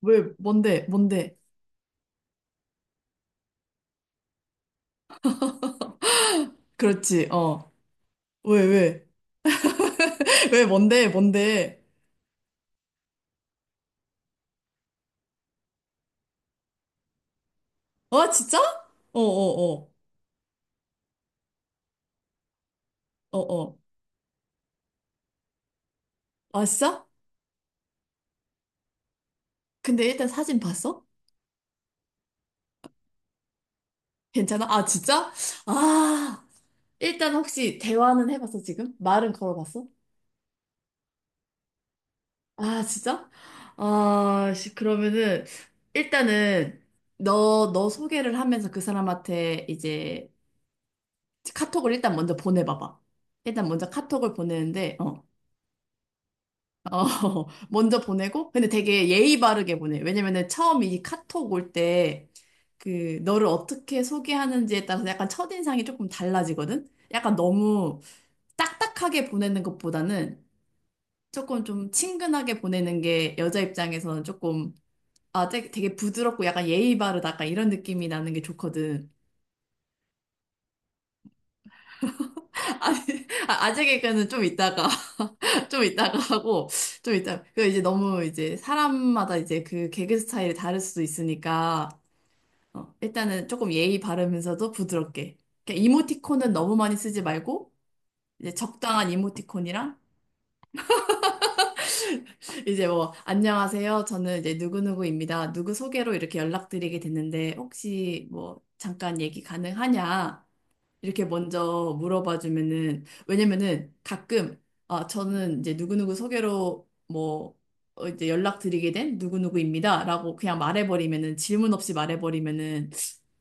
왜, 뭔데, 뭔데. 그렇지, 어. 왜, 왜. 왜, 뭔데, 뭔데. 어, 진짜? 어, 어, 어. 어, 어. 아, 진짜? 근데 일단 사진 봤어? 괜찮아? 아, 진짜? 아, 일단 혹시 대화는 해봤어, 지금? 말은 걸어봤어? 아, 진짜? 아, 씨, 그러면은, 일단은, 너 소개를 하면서 그 사람한테 이제 카톡을 일단 먼저 보내봐봐. 일단 먼저 카톡을 보내는데, 어. 어, 먼저 보내고, 근데 되게 예의 바르게 보내. 왜냐면은 처음 이 카톡 올 때, 그, 너를 어떻게 소개하는지에 따라서 약간 첫인상이 조금 달라지거든? 약간 너무 딱딱하게 보내는 것보다는 조금 좀 친근하게 보내는 게 여자 입장에서는 조금, 아, 되게 부드럽고 약간 예의 바르다. 약간 이런 느낌이 나는 게 좋거든. 아, 아재 개그는 좀 이따가, 좀 이따가 하고, 좀 이따, 그 이제 너무 이제 사람마다 이제 그 개그 스타일이 다를 수도 있으니까, 어, 일단은 조금 예의 바르면서도 부드럽게. 그러니까 이모티콘은 너무 많이 쓰지 말고, 이제 적당한 이모티콘이랑, 이제 뭐, 안녕하세요. 저는 이제 누구누구입니다. 누구 소개로 이렇게 연락드리게 됐는데, 혹시 뭐, 잠깐 얘기 가능하냐? 이렇게 먼저 물어봐 주면은 왜냐면은 가끔 아 저는 이제 누구누구 소개로 뭐 어, 이제 연락드리게 된 누구누구입니다라고 그냥 말해버리면은 질문 없이 말해버리면은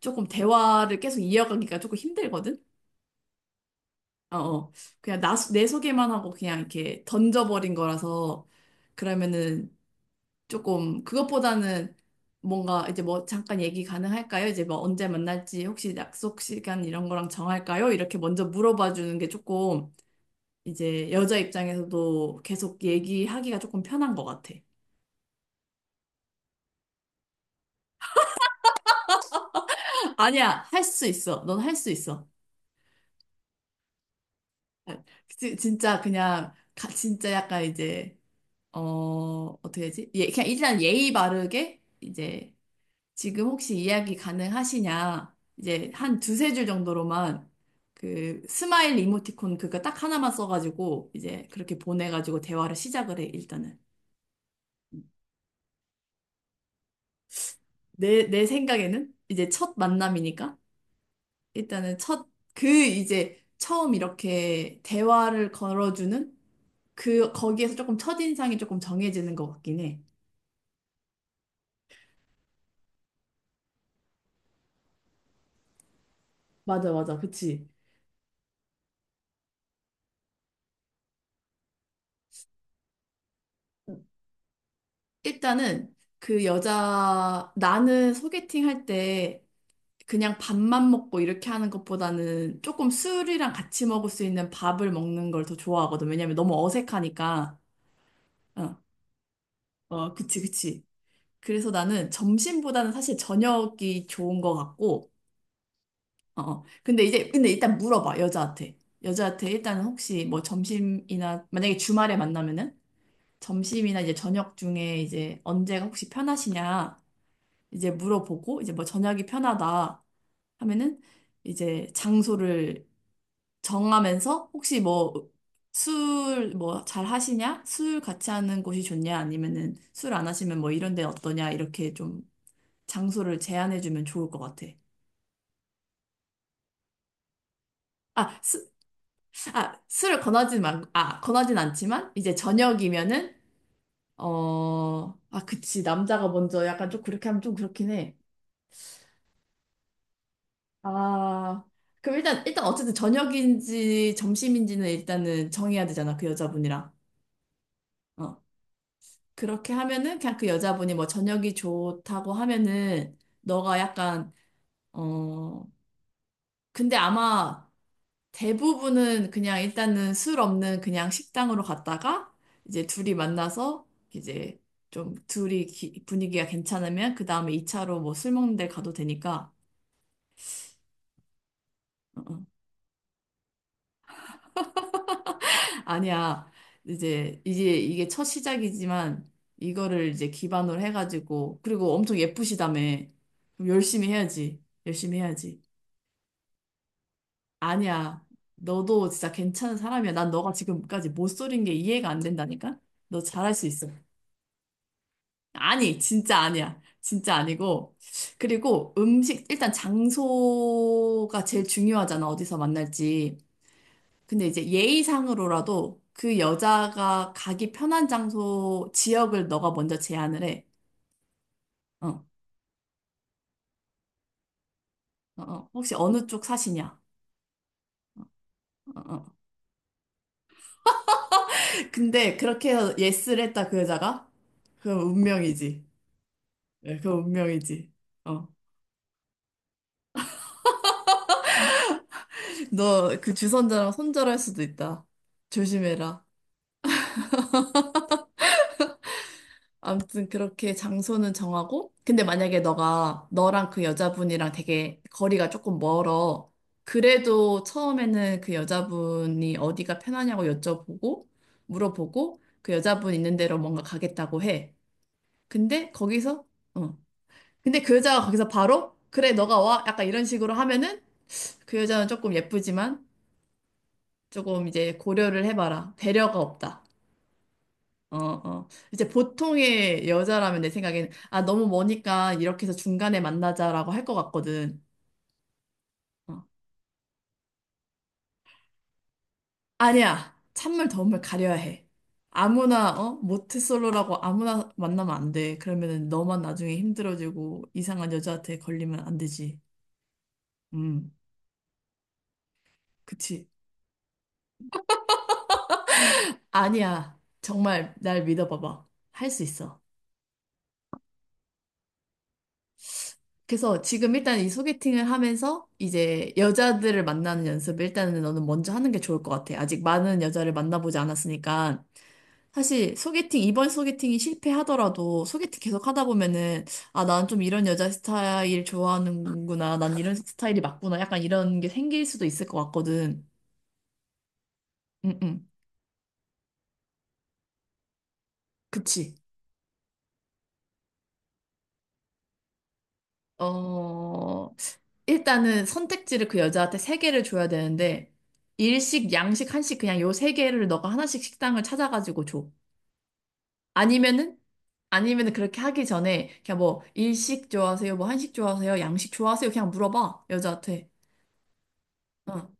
조금 대화를 계속 이어가기가 조금 힘들거든. 어, 어. 그냥 내 소개만 하고 그냥 이렇게 던져버린 거라서 그러면은 조금 그것보다는 뭔가 이제 뭐 잠깐 얘기 가능할까요? 이제 뭐 언제 만날지 혹시 약속 시간 이런 거랑 정할까요? 이렇게 먼저 물어봐 주는 게 조금 이제 여자 입장에서도 계속 얘기하기가 조금 편한 것 같아. 아니야, 할 수 있어. 넌 할 수 있어. 아, 진짜 그냥 진짜 약간 이제 어 어떻게 해야지? 예, 그냥 일단 예의 바르게 이제 지금 혹시 이야기 가능하시냐? 이제 한 두세 줄 정도로만 그 스마일 이모티콘 그거 딱 하나만 써가지고 이제 그렇게 보내가지고 대화를 시작을 해, 일단은. 내 생각에는 이제 첫 만남이니까 일단은 첫, 그 이제 처음 이렇게 대화를 걸어주는 그, 거기에서 조금 첫인상이 조금 정해지는 것 같긴 해. 맞아, 맞아. 그치. 일단은 그 여자, 나는 소개팅 할때 그냥 밥만 먹고 이렇게 하는 것보다는 조금 술이랑 같이 먹을 수 있는 밥을 먹는 걸 더 좋아하거든. 왜냐면 너무 어색하니까. 어, 어, 그치, 그치. 그래서 나는 점심보다는 사실 저녁이 좋은 것 같고, 어, 어. 근데 이제, 근데 일단 물어봐, 여자한테. 여자한테 일단 혹시 뭐 점심이나, 만약에 주말에 만나면은 점심이나 이제 저녁 중에 이제 언제가 혹시 편하시냐, 이제 물어보고, 이제 뭐 저녁이 편하다 하면은 이제 장소를 정하면서 혹시 뭐 술 뭐 잘 하시냐? 술 같이 하는 곳이 좋냐? 아니면은 술 안 하시면 뭐 이런 데 어떠냐? 이렇게 좀 장소를 제안해 주면 좋을 것 같아. 아, 수, 아, 술을 아, 권하진 않지만 이제 저녁이면은 어, 아, 그치. 남자가 먼저 약간 좀 그렇게 하면 좀 그렇긴 해. 아, 그럼 일단 어쨌든 저녁인지 점심인지는 일단은 정해야 되잖아. 그 여자분이랑. 어. 그렇게 하면은 그냥 그 여자분이 뭐 저녁이 좋다고 하면은 너가 약간 어 근데 아마 대부분은 그냥 일단은 술 없는 그냥 식당으로 갔다가 이제 둘이 만나서 이제 좀 둘이 분위기가 괜찮으면 그 다음에 2차로 뭐 술 먹는 데 가도 되니까 어, 어. 아니야 이제 이게 첫 시작이지만 이거를 이제 기반으로 해가지고 그리고 엄청 예쁘시다며 그럼 열심히 해야지 열심히 해야지. 아니야. 너도 진짜 괜찮은 사람이야. 난 너가 지금까지 못 소린 게 이해가 안 된다니까? 너 잘할 수 있어. 아니, 진짜 아니야. 진짜 아니고. 그리고 음식, 일단 장소가 제일 중요하잖아. 어디서 만날지. 근데 이제 예의상으로라도 그 여자가 가기 편한 장소, 지역을 너가 먼저 제안을 해. 어, 어, 어. 혹시 어느 쪽 사시냐? 어, 어. 근데 그렇게 해서 예스를 했다, 그 여자가? 그럼 운명이지. 예, 그 운명이지. 어. 너 그 주선자랑 손절할 수도 있다. 조심해라. 아무튼 그렇게 장소는 정하고, 근데 만약에 너가 너랑 그 여자분이랑 되게 거리가 조금 멀어. 그래도 처음에는 그 여자분이 어디가 편하냐고 여쭤보고, 물어보고, 그 여자분 있는 데로 뭔가 가겠다고 해. 근데 거기서, 어. 근데 그 여자가 거기서 바로, 그래, 너가 와. 약간 이런 식으로 하면은 그 여자는 조금 예쁘지만, 조금 이제 고려를 해봐라. 배려가 없다. 어, 어. 이제 보통의 여자라면 내 생각에는, 아, 너무 머니까 이렇게 해서 중간에 만나자라고 할 것 같거든. 어. 아니야. 찬물, 더운물 가려야 해. 아무나, 어? 모태솔로라고 아무나 만나면 안 돼. 그러면은 너만 나중에 힘들어지고 이상한 여자한테 걸리면 안 되지. 음, 그치. 아니야. 정말 날 믿어봐봐. 할 수 있어. 그래서 지금 일단 이 소개팅을 하면서 이제 여자들을 만나는 연습을 일단은 너는 먼저 하는 게 좋을 것 같아. 아직 많은 여자를 만나보지 않았으니까. 사실 소개팅, 이번 소개팅이 실패하더라도 소개팅 계속 하다 보면은 아, 난 좀 이런 여자 스타일 좋아하는구나. 난 이런 스타일이 맞구나. 약간 이런 게 생길 수도 있을 것 같거든. 응, 응. 그치. 어, 일단은 선택지를 그 여자한테 세 개를 줘야 되는데 일식, 양식, 한식 그냥 요 세 개를 너가 하나씩 식당을 찾아가지고 줘. 아니면은 아니면은 그렇게 하기 전에 그냥 뭐 일식 좋아하세요? 뭐 한식 좋아하세요? 양식 좋아하세요? 그냥 물어봐 여자한테. 어.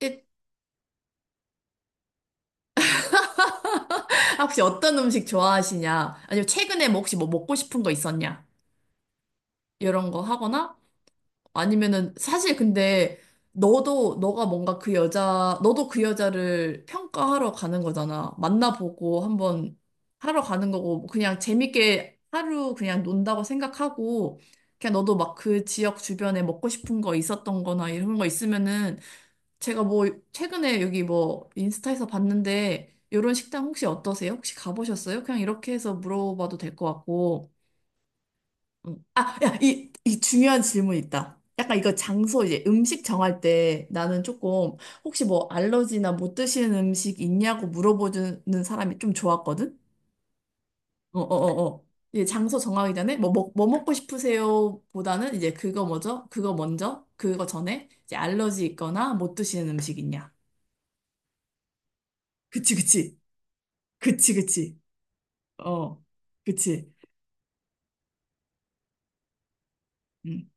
일- 아, 혹시 어떤 음식 좋아하시냐? 아니면 최근에 뭐 혹시 뭐 먹고 싶은 거 있었냐? 이런 거 하거나 아니면은 사실 근데 너도 너가 뭔가 그 여자 너도 그 여자를 평가하러 가는 거잖아. 만나보고 한번 하러 가는 거고 뭐 그냥 재밌게 하루 그냥 논다고 생각하고 그냥 너도 막 그 지역 주변에 먹고 싶은 거 있었던 거나 이런 거 있으면은 제가 뭐 최근에 여기 뭐 인스타에서 봤는데 이런 식당 혹시 어떠세요? 혹시 가보셨어요? 그냥 이렇게 해서 물어봐도 될 것 같고. 음. 이 중요한 질문 있다. 약간 이거 장소 이제 음식 정할 때 나는 조금 혹시 뭐 알러지나 못 드시는 음식 있냐고 물어보는 사람이 좀 좋았거든? 어. 이제 장소 정하기 전에 뭐, 뭐 먹고 싶으세요? 보다는 이제 그거 뭐죠? 그거 먼저? 그거 전에 이제 알러지 있거나 못 드시는 음식 있냐? 그치, 그치. 그치, 그치. 어, 그치. 음.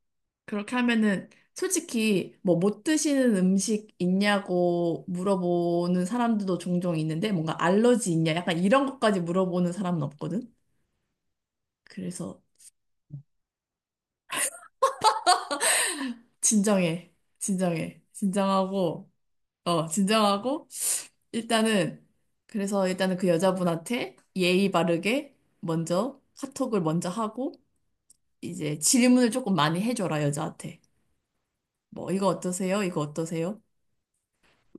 그렇게 하면은 솔직히 뭐 못 드시는 음식 있냐고 물어보는 사람들도 종종 있는데 뭔가 알러지 있냐 약간 이런 것까지 물어보는 사람은 없거든. 그래서 진정해, 진정해, 진정하고 어 진정하고 일단은 그래서 일단은 그 여자분한테 예의 바르게 먼저 카톡을 먼저 하고 이제 질문을 조금 많이 해줘라 여자한테 뭐 이거 어떠세요? 이거 어떠세요?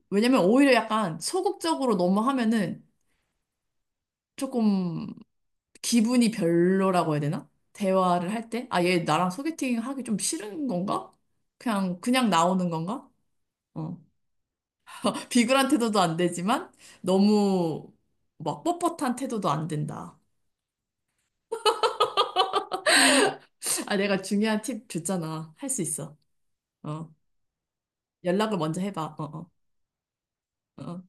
왜냐면 오히려 약간 소극적으로 너무 하면은 조금 기분이 별로라고 해야 되나? 대화를 할 때? 아, 얘 나랑 소개팅 하기 좀 싫은 건가? 그냥, 그냥 나오는 건가? 어. 비굴한 태도도 안 되지만, 너무 막 뻣뻣한 태도도 안 된다. 아, 내가 중요한 팁 줬잖아. 할 수 있어. 어. 연락을 먼저 해봐. 어, 어, 어.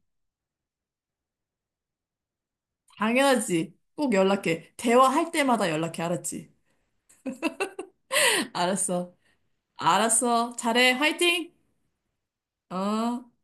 당연하지. 꼭 연락해. 대화할 때마다 연락해. 알았지? 알았어. 알았어. 잘해. 화이팅! 어.